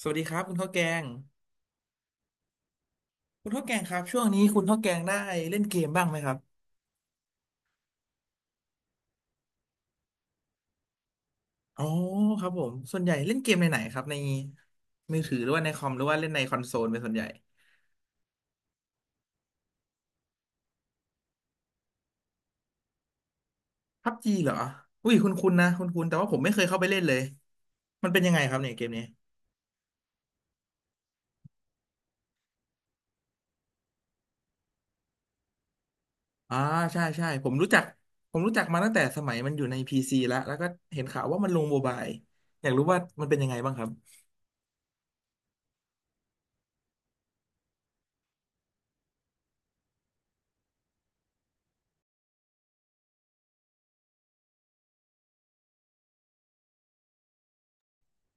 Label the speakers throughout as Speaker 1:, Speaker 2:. Speaker 1: สวัสดีครับคุณข้าวแกงคุณข้าวแกงครับช่วงนี้คุณข้าวแกงได้เล่นเกมบ้างไหมครับอ๋อครับผมส่วนใหญ่เล่นเกมในไหนครับในมือถือหรือว่าในคอมหรือว่าเล่นในคอนโซลเป็นส่วนใหญ่พับจีเหรออุ้ยคุณนะคุณแต่ว่าผมไม่เคยเข้าไปเล่นเลยมันเป็นยังไงครับเนี่ยเกมนี้อ่าใช่ใช่ผมรู้จักมาตั้งแต่สมัยมันอยู่ในพีซีแล้วก็เห็นข่าวว่ามันลงโมบายอยากรู้ว่ามันเป็นยังไงบ้างครับ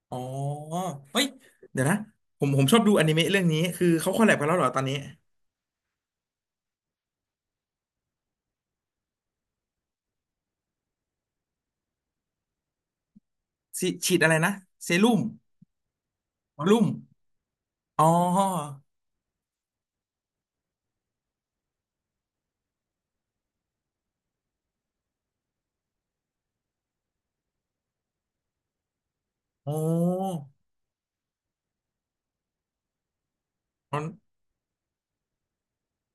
Speaker 1: อ๋อเฮ้ยเดี๋ยวนะผมชอบดูอนิเมะเรื่องนี้คือเขาคอลแลบกันแล้วเหรอตอนนี้ สิฉีดอะไรนะเซรุ่มรุ่มอ๋อโอ้มัน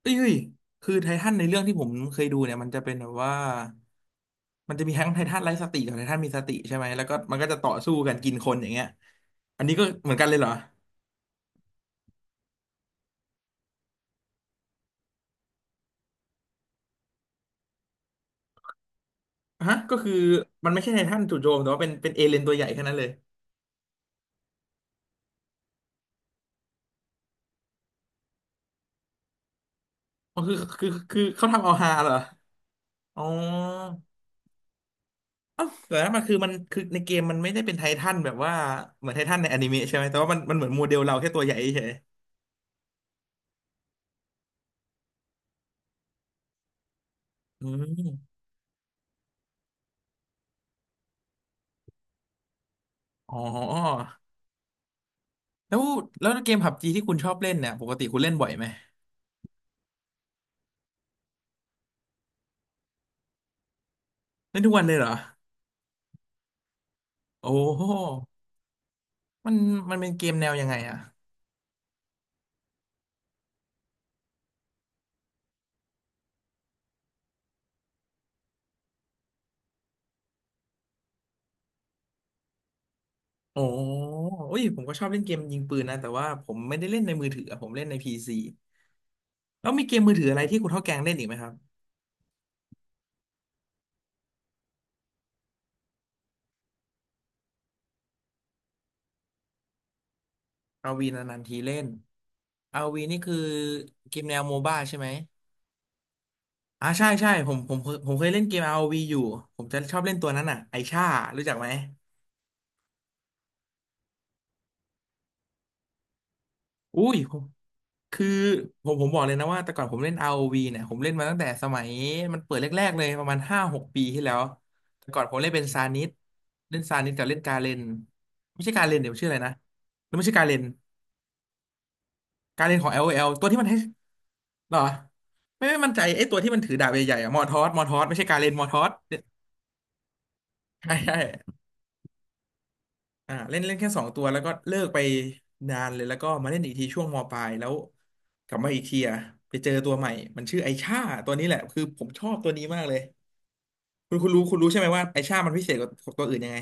Speaker 1: เอ้ยคือไททันในเรื่องที่ผมเคยดูเนี่ยมันจะเป็นแบบว่ามันจะมีทั้งไททันไร้สติกับไททันมีสติใช่ไหมแล้วก็มันก็จะต่อสู้กันกินคนอย่างเงี้ยอันนี้ก็เหมือนกันเลยเหรอฮะก็คือมันไม่ใช่ไททันจู่โจมแต่ว่าเป็นเอเลยนตัวใหญ่แค่นั้นเลยอ๋อคือเขาทำเอาฮาเหรออ๋อ เอ้าแต่ว่ามันคือในเกมมันไม่ได้เป็นไททันแบบว่าเหมือนไททันในอนิเมะใช่ไหมแต่ว่ามันเหมือนโมเดลเราแค่ตัวใหญ่เฉยอืมอ๋อแล้วแล้วเกมผับจีที่คุณชอบเล่นเนี่ยปกติคุณเล่นบ่อยไหมเล่นทุกวันเลยเหรอโอ้โหมันมันเป็นเกมแนวยังไงอะโอ้โอ้ยผมก็ชอบเล่นเกมยิงปืนนะแต่ว่าผมไม่ได้เล่นในมือถืออะผมเล่นในพีซีแล้วมีเกมมือถืออะไรที่คุณเท่าแกงเล่นอีกไหมครับอาวีนานๆทีเล่นอาวีนี่คือเกมแนวโมบ้าใช่ไหม อ่าใช่ใช่ผมเคยเล่นเกม ROV อวีอยู่ผมจะชอบเล่นตัวนั้นอ่ะไอชารู้จักไหมอุ้ยผมคือผมบอกเลยนะว่าแต่ก่อนผมเล่น r o ีเนี่ยผมเล่นมาตั้งแต่สมัยมันเปิดแรกๆเลยประมาณห้าหกปีที่แล้วแต่ก่อนผมเล่นเป็นซานิสเล่นซานิสกับเล่นกาเรนไม่ใช่กาเรนเดี๋ยวชื่ออะไรนะแล้วไม่ใช่กาเรนกาเรนของ l อลโอแอลตัวที่มันให้หรอไม่มั่นใจไอ้ตัวที่มันถือดาบใหญ่ๆอะมอร์ทอสไม่ใช่กาเรนมอร์ทอสใช่ใช่ อ่าเล่นเล่นแค่สองตัวแล้วก็เลิกไปนานเลยแล้วก็มาเล่นอีกทีช่วงมปลายแล้วกลับมาอีกทีอะไปเจอตัวใหม่มันชื่อไอชาตัวนี้แหละคือผมชอบตัวนี้มากเลยคุณรู้ใช่ไหมว่าไอชามันพิเศษกว่าตัวอื่นยังไง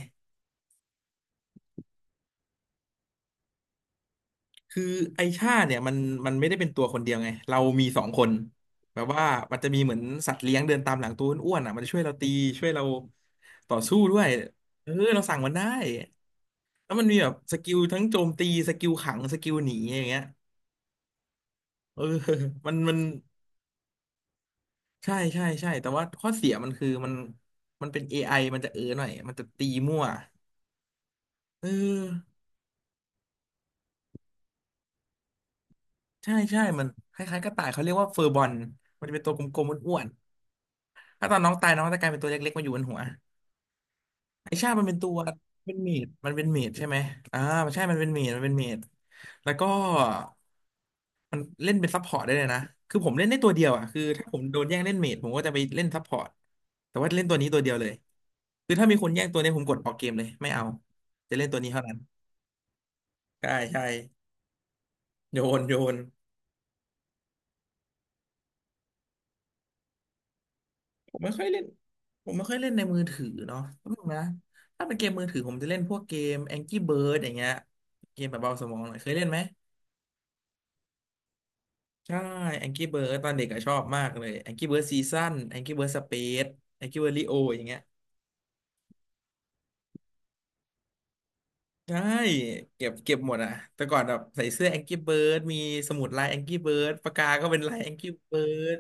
Speaker 1: คือไอชาเนี่ยมันไม่ได้เป็นตัวคนเดียวไงเรามีสองคนแบบว่ามันจะมีเหมือนสัตว์เลี้ยงเดินตามหลังตัวอ้วนๆอ่ะมันจะช่วยเราตีช่วยเราต่อสู้ด้วยเออเราสั่งมันได้แล้วมันมีแบบสกิลทั้งโจมตีสกิลขังสกิลหนีอย่างเงี้ยเออ มัน ใช่ใช่ใช่แต่ว่าข้อเสียมันคือมันเป็น AI มันจะเออหน่อยมันจะตีมั่วเออใช่ใช่มันคล้ายๆกระต่ายเขาเรียกว่าเฟอร์บอลมันจะเป็นตัวกลมๆอ้วนๆถ้าตอนน้องตายน้องจะกลายเป็นตัวเล็กๆมาอยู่บนหัว ไอชาติมันเป็นตัวเป็นเมดมันเป็นเมดใช่ไหมอ่าใช่มันเป็นเมดแล้วก็มันเล่นเป็นซัพพอร์ตได้เลยนะคือผมเล่นได้ตัวเดียวอ่ะคือถ้าผมโดนแย่งเล่นเมดผมก็จะไปเล่นซัพพอร์ตแต่ว่าเล่นตัวนี้ตัวเดียวเลยคือถ้ามีคนแย่งตัวเนี้ยผมกดออกเกมเลยไม่เอาจะเล่นตัวนี้เท่านั้นใช่ใช่โยนโยนผมไม่ค่อยเล่นผมไม่ค่อยเล่นในมือถือเนาะแป๊บนึงนะถ้าเป็นเกมมือถือผมจะเล่นพวกเกม Angry Bird อย่างเงี้ยเกมแบบเบาสมองหน่อยเคยเล่นไหม ใช่แองกี้เบิร์ดตอนเด็กก็ชอบมากเลยแองกี้เบิร์ดซีซั่นแองกี้เบิร์ดสเปซแองกี้เบิร์ดลีโออย่างเงี้ยใช่เก็บหมดอ่ะแต่ก่อนแบบใส่เสื้อแองกี้เบิร์ดมีสมุดลายแองกี้เบิร์ดปากกาก็เป็นลายแองกี้เบิร์ด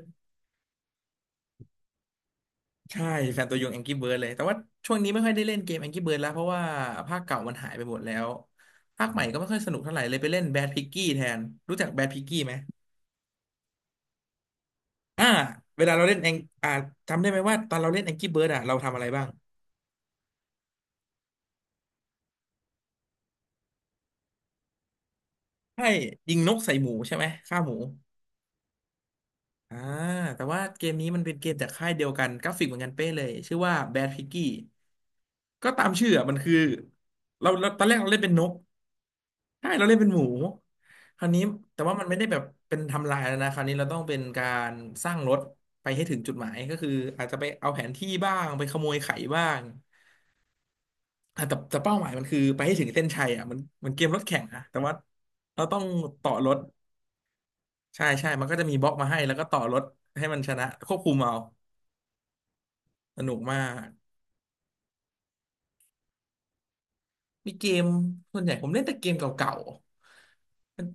Speaker 1: ใช่แฟนตัวยงแองกี้เบิร์ดเลยแต่ว่าช่วงนี้ไม่ค่อยได้เล่นเกมแองกี้เบิร์ดแล้วเพราะว่าภาคเก่ามันหายไปหมดแล้วภาคใหม่ก็ไม่ค่อยสนุกเท่าไหร่เลยไปเล่นแบดพิกกี้แทนรู้จักแบดพิกกี้ไหมอ่าเวลาเราเล่นแองอ่าจำได้ไหมว่าตอนเราเล่นแองกี้เบิร์ดอ่ะเราทำอะไรบ้าง ใช่ยิงนกใส่หมูใช่ไหมฆ่าหมูอ่าแต่ว่าเกมนี้มันเป็นเกมจากค่ายเดียวกันกราฟิกเหมือนกันเป๊ะเลยชื่อว่า Bad Piggy ก็ตามชื่ออะมันคือเราตอนแรกเราเล่นเป็นนกใช่เราเล่นเป็นหมูคราวนี้แต่ว่ามันไม่ได้แบบเป็นทำลายแล้วนะคราวนี้เราต้องเป็นการสร้างรถไปให้ถึงจุดหมายก็คืออาจจะไปเอาแผนที่บ้างไปขโมยไข่บ้างอ่ะแต่เป้าหมายมันคือไปให้ถึงเส้นชัยอ่ะมันมันเกมรถแข่งนะแต่ว่าเราต้องต่อรถ ใช่ใช่มันก็จะมีบล็อกมาให้แล้วก็ต่อรถให้มันชนะควบคุมเอา สนุกมาก มีเกมส่วนใหญ่ผมเล่นแต่เกมเก่าๆ มัน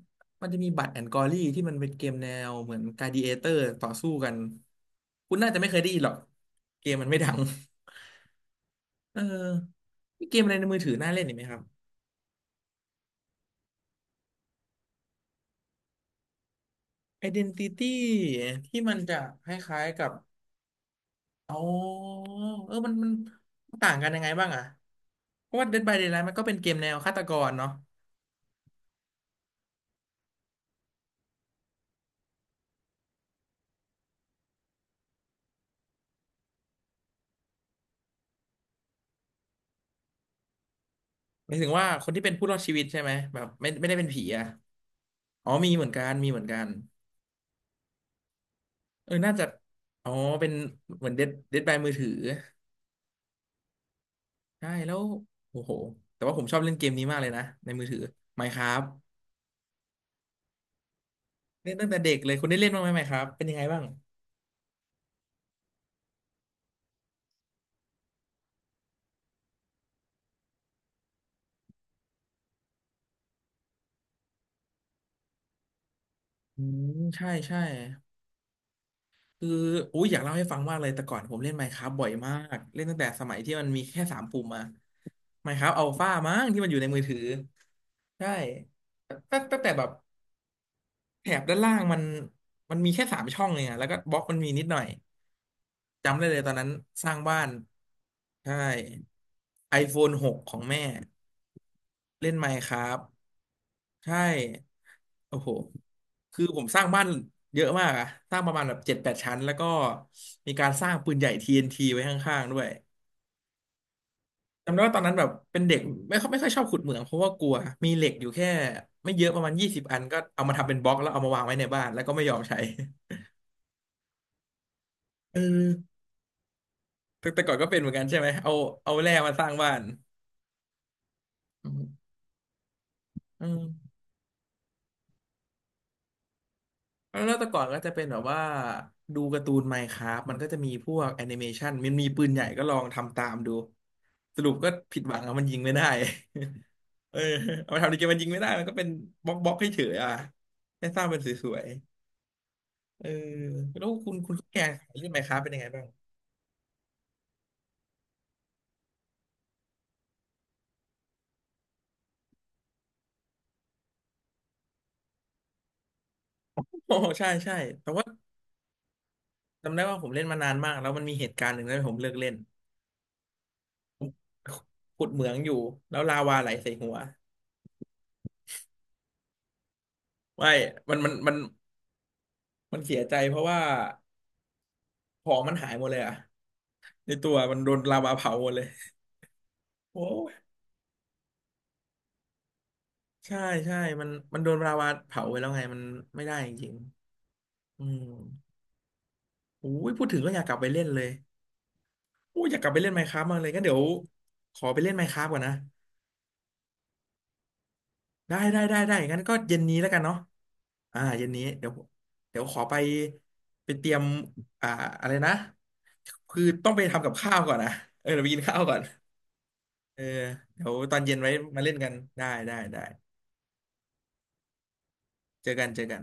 Speaker 1: จะมีบัตแอนกอรี่ที่มันเป็นเกมแนวเหมือนกลาดิเอเตอร์ต่อสู้กัน คุณน่าจะไม่เคยได้ยินหรอก เกมมันไม่ดัง เออมีเกมอะไรในมือถือน่าเล่นอีกไหมครับ Identity ที่มันจะคล้ายๆกับอ๋อเออมันต่างกันยังไงบ้างอะเพราะว่า Dead by Daylight มันก็เป็นเกมแนวฆาตกรเนาะ หมายถึงว่าคนที่เป็นผู้รอดชีวิตใช่ไหมแบบไม่ได้เป็นผีอ่ะอ๋อมีเหมือนกันมีเหมือนกันเออน่าจะอ๋อเป็นเหมือนเดดบายมือถือใช่แล้วโอ้โหแต่ว่าผมชอบเล่นเกมนี้มากเลยนะในมือถือ Minecraft เล่นตั้งแต่เด็กเลยคุณได้เล่นบ้างไหม Minecraft เป็นยังไงบ้างอืมใช่ใช่คืออุ้ยอยากเล่าให้ฟังมากเลยแต่ก่อนผมเล่น Minecraft บ่อยมากเล่นตั้งแต่สมัยที่มันมีแค่สามปุ่มอะ Minecraft Alpha มั้งที่มันอยู่ในมือถือใช่ตั้งแต่แบบ แถบด้านล่างมันมันมีแค่สามช่องเองอะแล้วก็บล็อกมันมีนิดหน่อย จำได้เลยตอนนั้นสร้างบ้านใช่ iPhone 6ของแม่เล่น Minecraft ใช่โอ้โหคือผมสร้างบ้านเยอะมากอะสร้างประมาณแบบเจ็ดแปดชั้นแล้วก็มีการสร้างปืนใหญ่ TNT ไว้ข้างๆด้วย จำได้ว่าตอนนั้นแบบเป็นเด็กไม่ค่อยชอบขุดเหมืองเพราะว่ากลัว มีเหล็กอยู่แค่ไม่เยอะประมาณ20อันก็เอามาทำเป็นบล็อกแล้วเอามาวางไว้ในบ้านแล้วก็ไม่ยอมใช้ เออ แต่ก่อนก็เป็นเหมือนกันใช่ไหม เอาเอาแร่มาสร้างบ้านอืมอืมแล้วแต่ก่อนก็จะเป็นแบบว่าดูการ์ตูน Minecraft มันก็จะมีพวกแอนิเมชันมันมีปืนใหญ่ก็ลองทำตามดู สรุปก็ผิดหวังอะมันยิงไม่ได้ เออเอามาทำในเกมมันยิงไม่ได้มันก็เป็นบล็อกบล็อกให้เฉยๆอ่ะแค่สร้างเป็นสวยๆเออแล้วคุณแกเล่นไมน์คราฟเป็นยังไงบ้างโอ้ ใช่ใช่แต่ว่าจำได้ว่าผมเล่นมานานมากแล้วมันมีเหตุการณ์หนึ่งที่ผมเลิกเล่น ขุดเหมืองอยู่แล้วลาวาไหลใส่หัว ไม่มันมันมันมันเสียใจเพราะว่าของมันหายหมดเลยอะในตัวมันโดนลาวาเผาหมดเลยโอ้ใช่ใช่มันโดนลาวาเผาไปแล้วไงมันไม่ได้จริงๆอืมโอ้ยพูดถึงก็อยากกลับไปเล่นเลยโอ้ยอยากกลับไปเล่นไมน์คราฟมากเลยงั้นเดี๋ยวขอไปเล่นไมน์คราฟก่อนนะได้ได้ได้ได้งั้นก็เย็นนี้แล้วกันเนาะอ่าเย็นนี้เดี๋ยวขอไปไปเตรียมอ่าอะไรนะคือต้องไปทำกับข้าวก่อนนะเออเดี๋ยวไปกินข้าวก่อน เออเดี๋ยวตอนเย็นไว้มาเล่นกันได้ได้ได้เจอกันเจอกัน